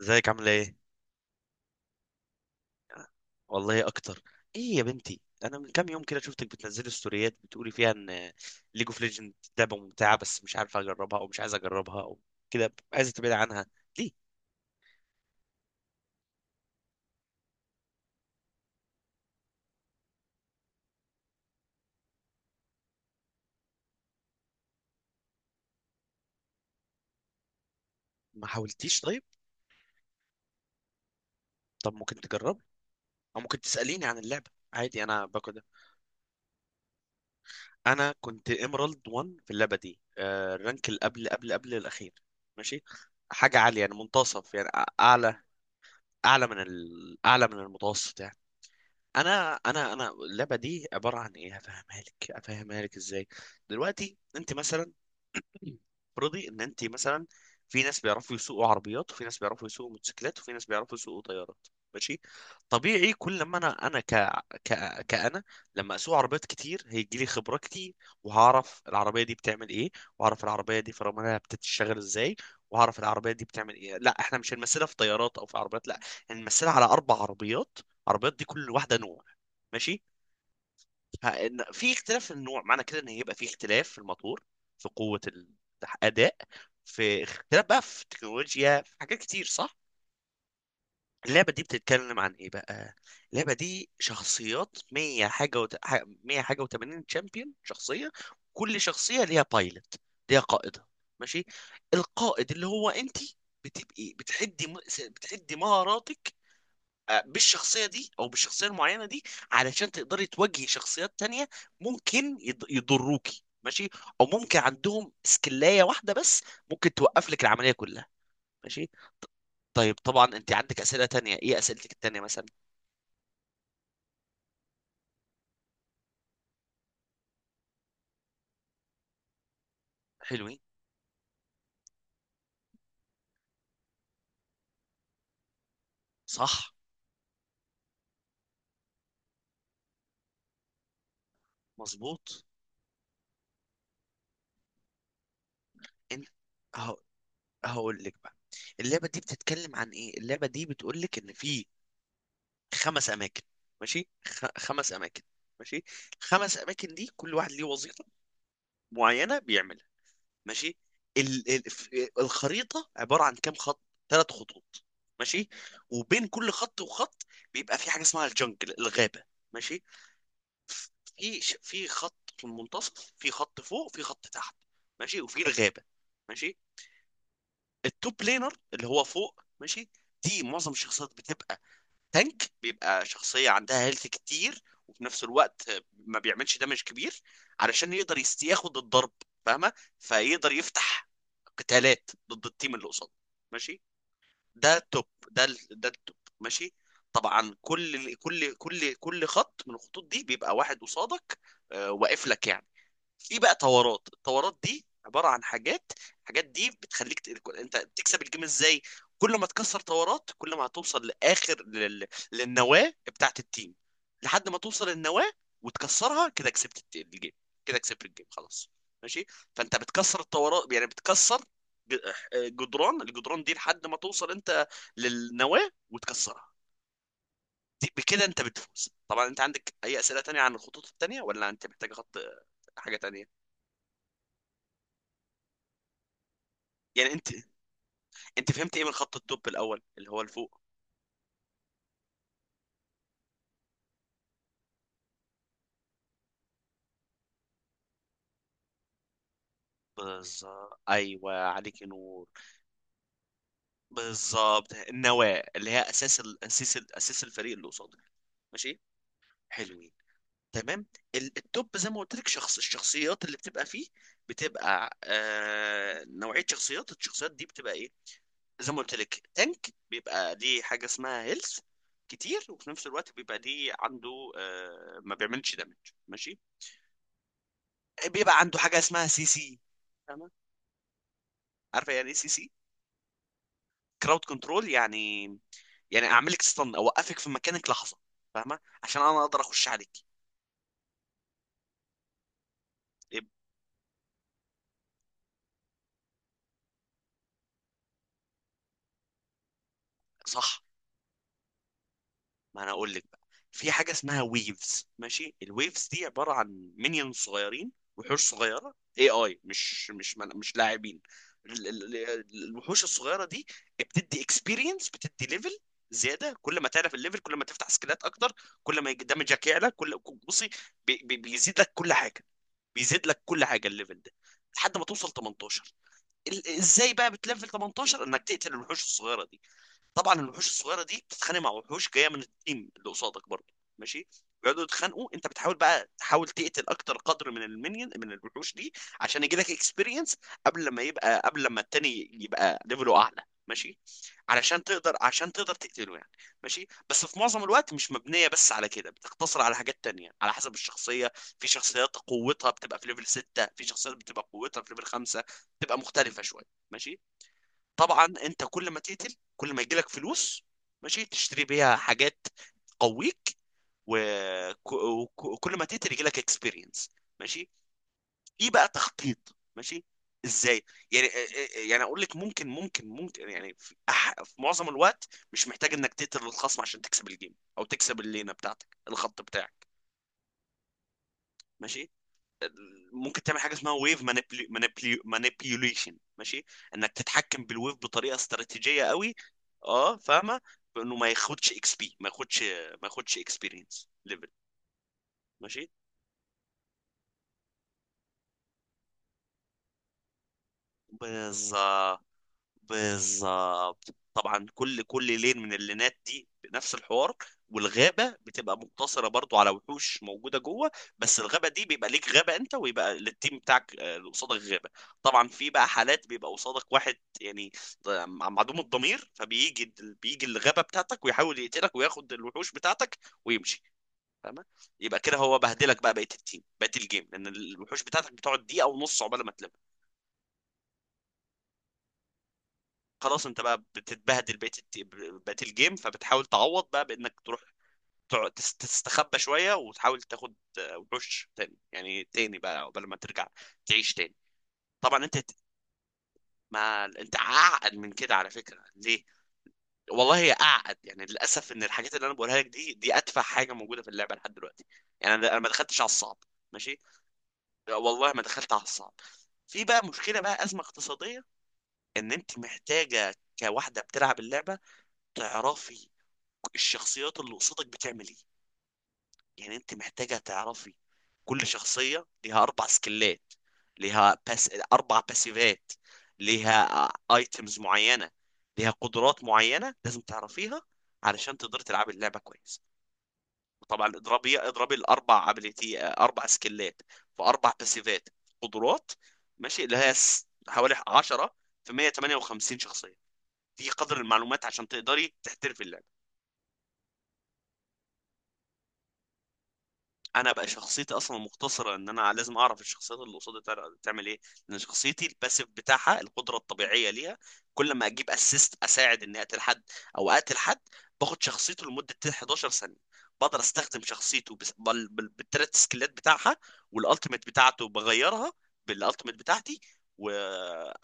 ازيك، عامله ايه؟ والله اكتر. ايه يا بنتي، انا من كام يوم كده شفتك بتنزلي ستوريات بتقولي فيها ان ليج اوف ليجند لعبه ممتعه، بس مش عارفه اجربها او مش عايزه اجربها او كده عايزه تبعد عنها، ليه؟ ما حاولتيش طيب؟ طب ممكن تجرب، او ممكن تساليني عن اللعبه عادي، انا باخد. انا كنت ايمرالد 1 في اللعبه دي، الرانك اللي قبل قبل قبل الاخير. ماشي. حاجه عاليه، يعني منتصف، يعني اعلى، اعلى من المتوسط يعني. انا اللعبه دي عباره عن ايه، هفهمها لك، هفهمها لك ازاي. دلوقتي انت مثلا، افرضي ان انت مثلا، في ناس بيعرفوا يسوقوا عربيات، وفي ناس بيعرفوا يسوقوا موتوسيكلات، وفي ناس بيعرفوا يسوقوا طيارات. ماشي. طبيعي، كل ما كأنا لما اسوق عربيات كتير هيجي لي خبرة كتير، وهعرف العربية دي بتعمل ايه، وهعرف العربية دي فراملها بتشتغل ازاي، وهعرف العربية دي بتعمل ايه. لا، احنا مش هنمثلها في طيارات او في عربيات، لا، هنمثلها على اربع عربيات. عربيات دي كل واحدة نوع. ماشي. في اختلاف في النوع، معنى كده ان هيبقى في اختلاف في الموتور، في قوة، الأداء، في اختلاف بقى في التكنولوجيا، في حاجات كتير، صح؟ اللعبة دي بتتكلم عن ايه بقى؟ اللعبة دي شخصيات 100 حاجة 100 حاجة و80 تشامبيون شخصية. كل شخصية ليها بايلوت، ليها قائدة. ماشي؟ القائد اللي هو انت، بتبقي بتحدي مهاراتك، بالشخصية دي أو بالشخصية المعينة دي علشان تقدري تواجهي شخصيات تانية. ممكن يضروكي، ماشي، أو ممكن عندهم سكلاية واحدة بس ممكن توقف لك العملية كلها. ماشي. ط- طيب، طبعا أنت عندك أسئلة تانية، إيه أسئلتك التانية مثلا؟ حلوين. صح. مظبوط. أنت، أهو، هقول لك بقى. اللعبة دي بتتكلم عن إيه، اللعبة دي بتقول لك إن في خمس أماكن. ماشي. خمس أماكن. ماشي. خمس أماكن دي كل واحد ليه وظيفة معينة بيعملها. ماشي. ال... ال... ف- الخريطة عبارة عن كام خط. ثلاث خطوط. ماشي. وبين كل خط وخط بيبقى في حاجة اسمها الجنجل، الغابة. ماشي. في خط في المنتصف، في خط فوق، في خط تحت، ماشي، وفي الغابة. ماشي. التوب لينر اللي هو فوق، ماشي، دي معظم الشخصيات بتبقى تانك، بيبقى شخصية عندها هيلث كتير، وفي نفس الوقت ما بيعملش دمج كبير علشان يقدر ياخد الضرب، فاهمة؟ فيقدر يفتح قتالات ضد التيم اللي قصاده. ماشي. ده التوب، ده التوب. ماشي. طبعا كل خط من الخطوط دي بيبقى واحد قصادك، واقف لك يعني. في بقى طورات، الطورات دي عباره عن حاجات، الحاجات دي بتخليك انت بتكسب الجيم ازاي. كل ما تكسر طورات كل ما هتوصل لاخر للنواه بتاعت التيم، لحد ما توصل النواه وتكسرها، كده كسبت الجيم، كده كسبت الجيم، خلاص. ماشي. فانت بتكسر الطورات، يعني بتكسر ج- جدران، الجدران دي لحد ما توصل انت للنواه وتكسرها. بكده انت بتفوز. طبعا انت عندك اي اسئله تانية عن الخطوط التانية، ولا انت محتاج خط، حاجه تانية يعني؟ انت فهمت ايه من خط الدب الاول اللي هو لفوق؟ بالظبط، ايوه، عليك نور. بالظبط، النواه اللي هي اساس الفريق اللي قصادك. ماشي. حلوين. تمام. الدب زي ما قلت لك، شخص الشخصيات اللي بتبقى فيه، بتبقى نوعيه شخصيات، الشخصيات دي بتبقى ايه؟ زي ما قلت لك، تانك بيبقى ليه حاجه اسمها هيلث كتير، وفي نفس الوقت بيبقى ليه عنده ما بيعملش دامج. ماشي. بيبقى عنده حاجه اسمها سي سي. فاهمه؟ عارفه يعني ايه سي سي؟ كراود كنترول يعني، يعني اعمل لك ستان، اوقفك في مكانك لحظه، فاهمه؟ عشان انا اقدر اخش عليك. يبقى صح. ما انا اقول لك بقى. في حاجه اسمها ويفز. ماشي. الويفز دي عباره عن مinions صغيرين، وحوش صغيره، اي مش لاعبين. الوحوش الصغيره دي بتدي اكسبيرينس، بتدي ليفل زياده. كل ما تعرف الليفل كل ما تفتح سكيلات اكتر، كل ما دمجك يعلى، كل، بصي، بي بيزيد لك كل حاجه. بيزيد لك كل حاجه الليفل ده لحد ما توصل 18. ازاي بقى بتليفل 18 انك تقتل الوحوش الصغيره دي؟ طبعا الوحوش الصغيره دي بتتخانق مع وحوش جايه من التيم اللي قصادك برضه. ماشي. بيقعدوا يتخانقوا، انت بتحاول بقى تحاول تقتل اكتر قدر من المنيون من الوحوش دي عشان يجي لك اكسبيرينس، قبل لما يبقى، قبل لما التاني يبقى ليفله اعلى. ماشي. علشان تقدر، عشان تقدر تقتله يعني. ماشي. بس في معظم الوقت مش مبنيه بس على كده، بتقتصر على حاجات تانية على حسب الشخصيه. في شخصيات قوتها بتبقى في ليفل 6، في شخصيات بتبقى قوتها في ليفل 5، بتبقى مختلفه شويه. ماشي. طبعا انت كل ما تقتل كل ما يجيلك فلوس، ماشي، تشتري بيها حاجات تقويك، وكل ما تقتل يجيلك اكسبيرينس. ماشي. في بقى تخطيط. ماشي. ازاي يعني؟ يعني اقول لك، ممكن يعني، في معظم الوقت مش محتاج انك تقتل الخصم عشان تكسب الجيم او تكسب اللينه بتاعتك، الخط بتاعك. ماشي. ممكن تعمل حاجه اسمها ويف مانيبيوليشن. ماشي. انك تتحكم بالويف بطريقه استراتيجيه قوي. اه، فاهمه. بانه ما ياخدش اكس بي، ما ياخدش اكسبيرينس، ليفل. ماشي. بالظبط. بالظبط. طبعا كل لين من اللينات دي بنفس الحوار. والغابه بتبقى مقتصره برضو على وحوش موجوده جوه، بس الغابه دي بيبقى ليك غابه انت، ويبقى للتيم بتاعك اللي قصادك غابه. طبعا في بقى حالات بيبقى قصادك واحد، يعني معدوم الضمير، فبيجي بيجي الغابه بتاعتك ويحاول يقتلك وياخد الوحوش بتاعتك ويمشي، فاهمه؟ يبقى كده هو بهدلك بقى بقيه التيم، بقيه الجيم، لان الوحوش بتاعتك بتقعد دقيقه ونص عقبال ما تلم، خلاص. انت بقى بتتبهدل، بقيت الجيم، فبتحاول تعوض بقى بانك تروح تستخبى شويه، وتحاول تاخد وحوش تاني، يعني تاني بقى قبل ما ترجع تعيش تاني. طبعا ما انت اعقد من كده على فكره، ليه؟ والله هي اعقد يعني، للاسف، ان الحاجات اللي انا بقولها لك دي ادفع حاجه موجوده في اللعبه لحد دلوقتي. يعني انا ما دخلتش على الصعب. ماشي. والله ما دخلت على الصعب. في بقى مشكله، بقى ازمه اقتصاديه، ان انت محتاجه كواحده بتلعب اللعبه تعرفي الشخصيات اللي قصادك بتعمل ايه، يعني انت محتاجة تعرفي. كل شخصية ليها اربع سكلات، ليها بس اربع باسيفات، ليها ايتمز معينة، ليها قدرات معينة لازم تعرفيها علشان تقدري تلعبي اللعبة كويس. وطبعا اضربي الاربع ابيليتي، اربع سكلات في اربع باسيفات، قدرات. ماشي. اللي هي حوالي 10 في 158 شخصية، دي قدر المعلومات عشان تقدري تحترفي اللعبة. انا بقى شخصيتي اصلا مقتصره ان انا لازم اعرف الشخصيات اللي قصادي تعمل ايه، لان شخصيتي الباسيف بتاعها القدره الطبيعيه ليها. كل ما اجيب اسيست، اساعد اني اقتل حد، او اقتل حد، باخد شخصيته لمده 11 ثانيه. بقدر استخدم شخصيته بالتلات سكيلات بتاعها، والالتيميت بتاعته بغيرها بالالتيميت بتاعتي، و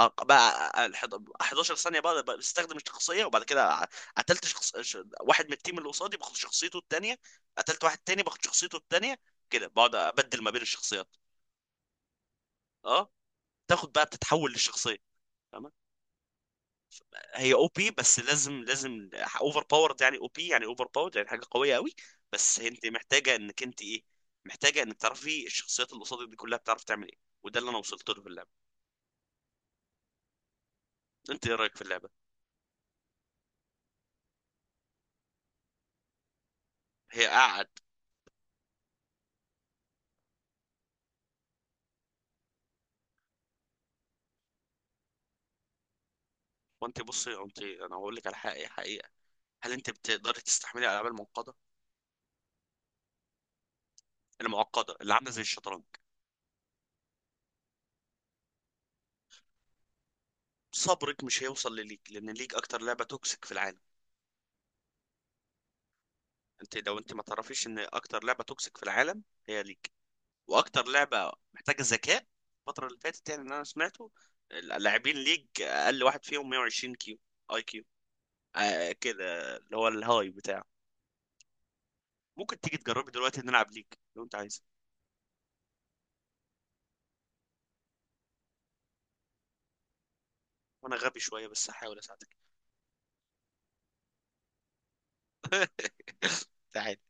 بقى ال 11 ثانيه بقى بستخدم الشخصيه، وبعد كده قتلت شخص، واحد من التيم اللي قصادي باخد شخصيته التانيه، قتلت واحد تاني باخد شخصيته التانية، كده بقعد ابدل ما بين الشخصيات. اه، تاخد بقى بتتحول للشخصيه. فاهمة؟ هي او بي. بس لازم، لازم اوفر باورد يعني، او بي يعني اوفر باورد يعني حاجه قويه قوي. بس انت محتاجه انك انت ايه، محتاجه انك تعرفي الشخصيات اللي قصادك دي كلها بتعرف تعمل ايه، وده اللي انا وصلت له في اللعبه. انت ايه رايك في اللعبه؟ هي قعد. وانت بصي، انا هقول لك على حقيقه، حقيقه. هل انت بتقدري تستحملي الالعاب المعقده؟ المعقده اللي عامله زي الشطرنج. صبرك مش هيوصل لليك، لان ليك اكتر لعبه توكسيك في العالم. لو انت ما تعرفيش ان اكتر لعبه توكسيك في العالم هي ليج، واكتر لعبه محتاجه ذكاء. الفتره اللي فاتت يعني، اللي انا سمعته، اللاعبين ليج اقل واحد فيهم 120 كيو، اي كيو، كده اللي هو الهاي بتاعه. ممكن تيجي تجربي دلوقتي نلعب ليج، لو انت عايز. وانا غبي شويه بس هحاول اساعدك. تعالي.